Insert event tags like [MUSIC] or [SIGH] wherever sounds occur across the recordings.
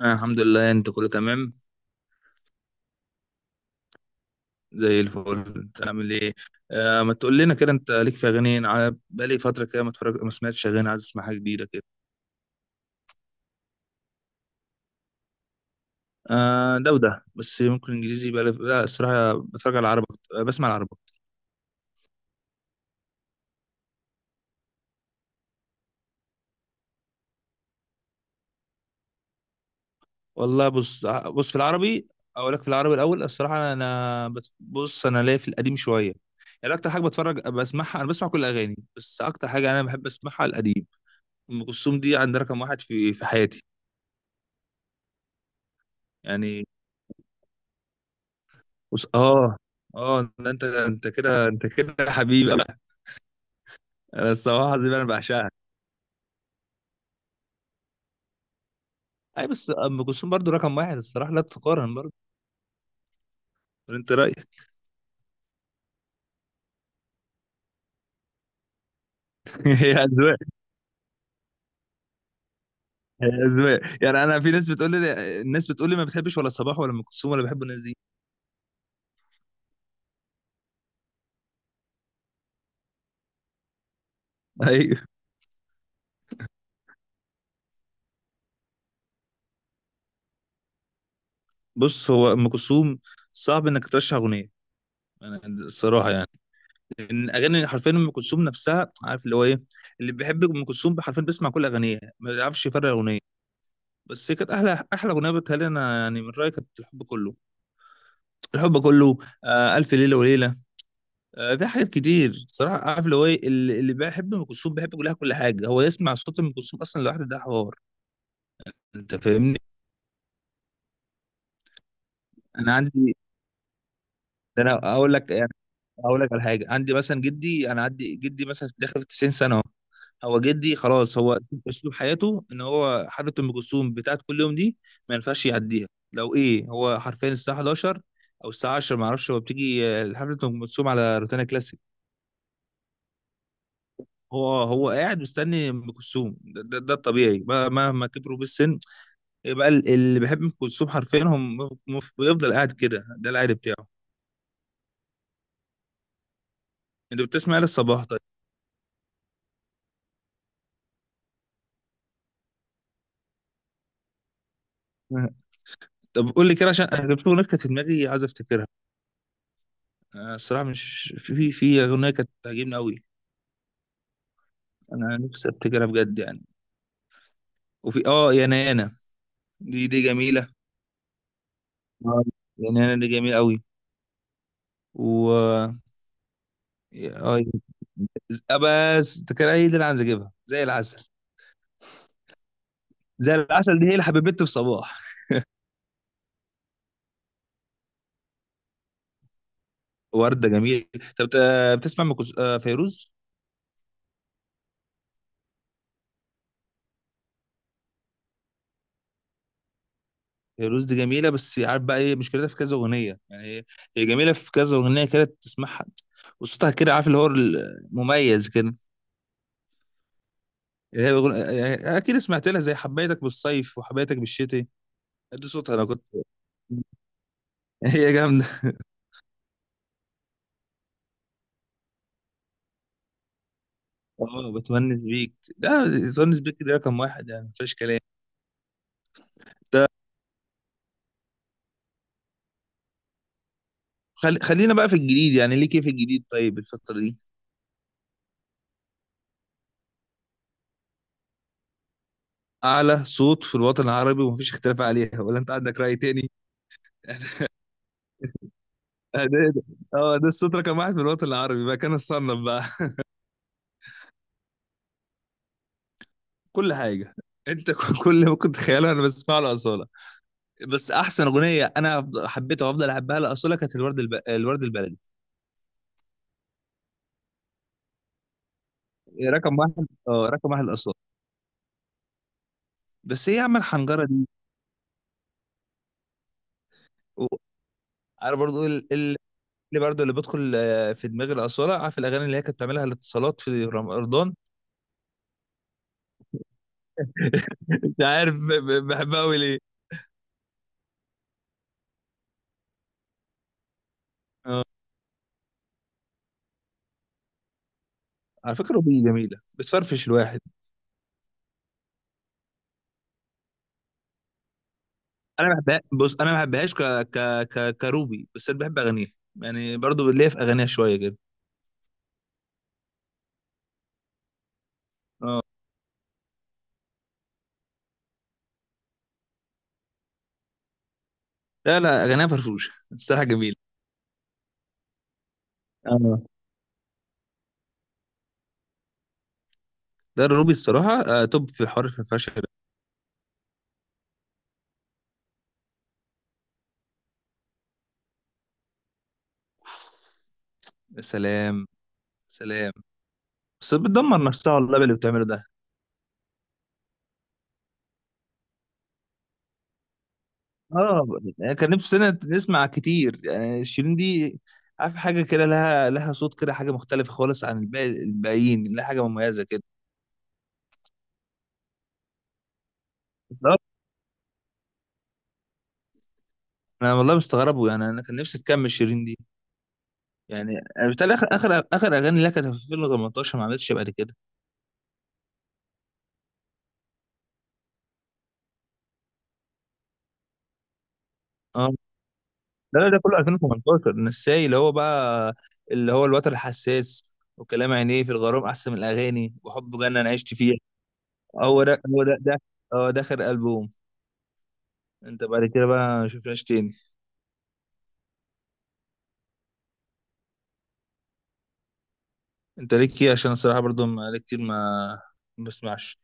أنا الحمد لله، انت كله تمام؟ زي الفل، انت عامل ايه؟ آه، ما تقول لنا كده، انت ليك في اغاني؟ انا بقالي فتره كده ما اتفرج، ما سمعتش اغاني، عايز اسمع حاجه جديده كده. آه ده وده، بس ممكن انجليزي بقالي لا، الصراحه بتفرج على العربي أكتر- بسمع العربي. والله بص، بص في العربي. اقول لك في العربي الاول، الصراحه انا بص، انا ليا في القديم شويه. يعني اكتر حاجه بتفرج بسمعها، انا بسمع كل الاغاني، بس اكتر حاجه انا بحب اسمعها القديم. ام كلثوم دي عند رقم واحد في حياتي. يعني بص، اه. اه، ده انت كده، انت كده يا حبيبي بقى. انا الصراحه دي بقى انا بعشقها. اي، بس ام كلثوم برضو رقم واحد الصراحه، لا تقارن برضو. ولا انت رايك؟ [LAUGHS] هي اذواق. هي اذواق يعني، انا في ناس بتقول لي، الناس بتقول لي ما بتحبش ولا صباح ولا ام كلثوم، ولا بحب الناس دي. [LAUGHS] ايوه. بص، هو ام كلثوم صعب انك ترشح اغنيه. انا الصراحه يعني، ان اغاني حرفيا ام كلثوم نفسها، عارف اللي هو ايه، اللي بيحب ام كلثوم حرفيا بيسمع كل اغانيها، ما بيعرفش يفرق اغنيه. بس هي كانت احلى احلى اغنيه بتهيألي انا، يعني من رايي كانت الحب كله. الحب كله. آه، الف ليله وليله. آه، في حاجات كتير صراحه، عارف اللي هو ايه، اللي بيحب ام كلثوم بيحب كلها، كل حاجه، هو يسمع صوت ام كلثوم اصلا لوحده ده حوار. انت فاهمني؟ انا عندي، ده انا اقول لك يعني، اقول لك على حاجه. عندي مثلا جدي، انا عندي جدي مثلا داخل في 90 سنه أهو. هو جدي خلاص، هو اسلوب حياته ان هو حفله ام كلثوم بتاعت كل يوم دي ما ينفعش يعديها. لو ايه هو حرفيا الساعه 11 او الساعه 10، ما اعرفش، هو بتيجي حفله ام كلثوم على روتانا كلاسيك. هو قاعد مستني ام كلثوم، ده الطبيعي. مهما كبروا بالسن، يبقى اللي بيحب ام كلثوم حرفيا هم بيفضل قاعد كده، ده العادي بتاعه. انت بتسمع للصباح طيب؟ طب قول لي كده، عشان انا كان في اغنيه كانت في دماغي عايز افتكرها. أنا الصراحه مش، في اغنيه كانت تعجبني قوي، انا نفسي افتكرها بجد يعني. وفي يا نانا، دي جميله. آه، يا نانا دي جميله قوي. و اه بس فاكرها هي دي اللي عايز اجيبها، زي العسل. زي العسل دي هي اللي حبيبتي في صباح. وردة جميل. طب بتسمع ام كلث- آه، فيروز؟ فيروز دي جميلة، بس عارف بقى ايه مشكلتها؟ في كذا أغنية يعني هي، هي جميلة في كذا أغنية كده تسمعها. وصوتها كده عارف اللي هو المميز كده، يعني هي يعني أكيد سمعت لها زي حبيتك بالصيف وحبيتك بالشتاء. دي صوتها أنا كنت [LAUGHS] هي جامدة. اه، بتونس بيك ده، بتونس بيك ده رقم واحد يعني مفيش كلام. ده خلينا بقى في الجديد. يعني ليه كيف الجديد طيب الفترة دي؟ أعلى صوت في الوطن العربي، ومفيش اختلاف عليها، ولا أنت عندك رأي تاني؟ آه، ده إيه ده- اه، ده الصوت رقم واحد في الوطن العربي بقى، كان الصنف بقى. [LAUGHS] كل حاجه. انت كل اللي ممكن تتخيله انا بسمعه لاصاله. بس احسن اغنيه انا حبيتها وافضل احبها لاصاله كانت الورد الورد البلدي. رقم واحد، اه رقم واحد لاصاله. بس ايه يا عم الحنجره دي. و- انا برضو اللي برضو اللي بدخل في دماغي الاصاله، عارف الاغاني اللي هي كانت بتعملها الاتصالات في رمضان؟ مش عارف بحبها قوي ليه. اه، على فكره اغنيه جميله بتفرفش الواحد. انا ما بحبها، بص انا ما بحبهاش ك... كروبي، بس انا بحب اغانيها، يعني برضو ليا في اغانيها شويه كده. اه، لا لا، اغانيها فرفوشه [LAUGHS] الصراحه جميله. اه، ده الروبي الصراحه توب في حوار الفرفشه ده. يا سلام، سلام. بس بتدمر نفسها والله باللي بتعمله ده. اه، يعني كان نفسنا نسمع كتير يعني شيرين دي، عارف حاجه كده، لها صوت كده حاجه مختلفه خالص عن الباقيين، لها حاجه مميزه كده. بالظبط. انا والله مستغربه يعني، انا كان نفسي تكمل شيرين دي. يعني بالتالي اخر اغاني لها كانت في 2018، ما عملتش بعد كده. اه، لا لا، ده كله 2018، نساي اللي هو بقى، اللي هو الوتر الحساس، وكلام عينيه في الغرام احسن من الاغاني، وحب جنه انا عشت فيها. هو ده هو ده ده هو ده اخر البوم. انت بعد كده بقى ما شفناش تاني. انت ليك ايه؟ عشان الصراحه برضو بقالي كتير ما بسمعش.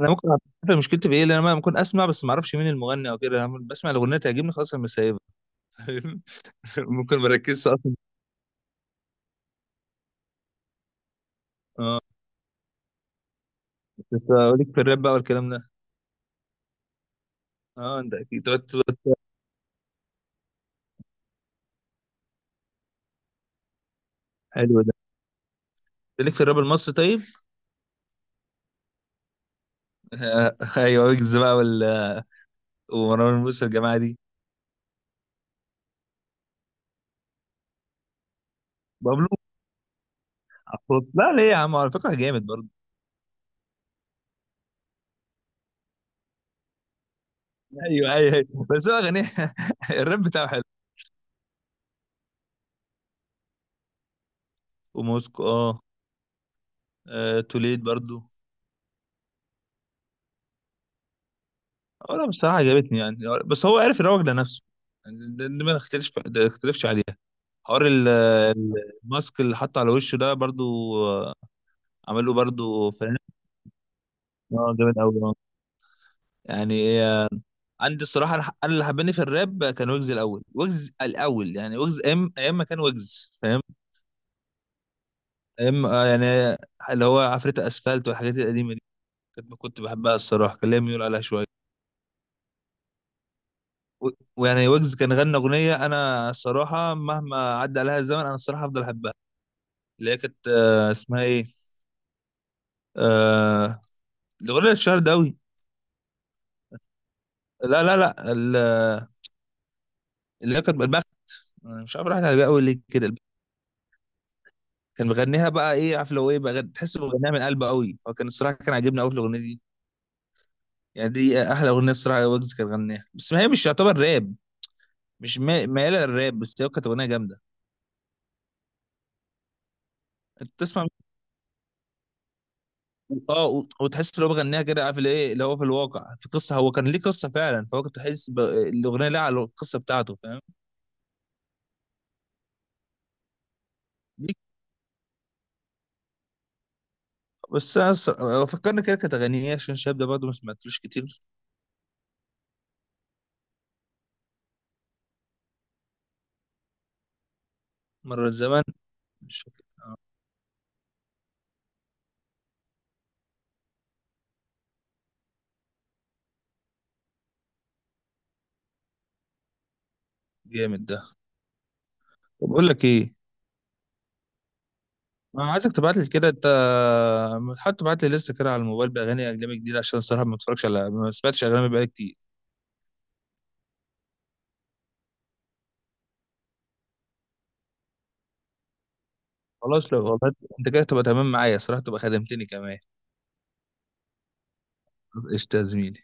انا ممكن أعرف مشكلتي في ايه، لان انا ممكن اسمع بس ما اعرفش مين المغني او كده، أنا بسمع الاغنيه تعجبني خلاص انا مسايبها. [LAUGHS] ممكن ما اركزش اصلا. آه. كنت اقول لك في الراب بقى والكلام ده. اه، انت اكيد تقعد حلو ده. ليك في الراب المصري طيب؟ آه، [LAUGHS] ايوه، ويجز بقى ومروان موسى والجماعه دي. بابلو أخوك. لا ليه يا عم، على فكره جامد برضه. ايوه ايوه أيوة. بس هو غني [LAUGHS] الراب بتاعه حلو. وموسكو اه. آه، توليد برضه. اه، لا بصراحه عجبتني يعني، بس هو عارف يروج لنفسه، يعني ده ما نختلفش، ده نختلفش عليها. حوار الماسك اللي حطه على وشه ده برضه، آه، عمل له برضه فنان. اه، جامد قوي، يعني عندي الصراحه، انا اللي حباني في الراب كان ويجز الاول، ويجز الاول يعني، ويجز ايام ايام ما كان ويجز فاهم؟ ايام يعني، اللي هو عفريت اسفلت والحاجات القديمه دي، كنت بحبها الصراحه، كان ليا ميول عليها شويه. و- ويعني ويجز كان غنى اغنيه انا الصراحه مهما عدى عليها الزمن انا الصراحه هفضل احبها، اللي هي كانت اسمها ايه، آه، الاغنيه الشهر ده قوي. لا لا لا اللي هي كانت البخت. أنا مش عارف راحت على بالي قوي ليه كده. كان مغنيها بقى ايه عارف لو ايه بقى، تحسه مغنيها من قلبه قوي، فكان الصراحه كان عاجبني قوي في الاغنيه دي، يعني دي احلى اغنيه الصراحه ويجز كان غناها، بس ما هي مش يعتبر راب، مش مايله للراب، بس هي كانت اغنيه جامده. انت تسمع، اه، وتحس لو بغنيها كده، عارف اللي ايه، اللي هو في الواقع في قصه، هو كان ليه قصه فعلا، فهو كنت تحس الاغنيه لها على القصه بتاعته، فاهم؟ ليه؟ بس انا فكرني كده كانت اغانيه إيه، عشان الشاب ده برضه ما سمعتلوش كتير. مره زمان، مش فاكر. جامد ده. طب اقول لك ايه، انا عايزك تبعت لي كده انت، حتى تبعت لي لسه كده على الموبايل باغاني اجنبي جديده، عشان الصراحه ما بتفرجش، على ما سمعتش اجنبي بقالي كتير. خلاص، لو والله انت كده تبقى تمام معايا الصراحه، تبقى خدمتني كمان. قشطه يا زميلي.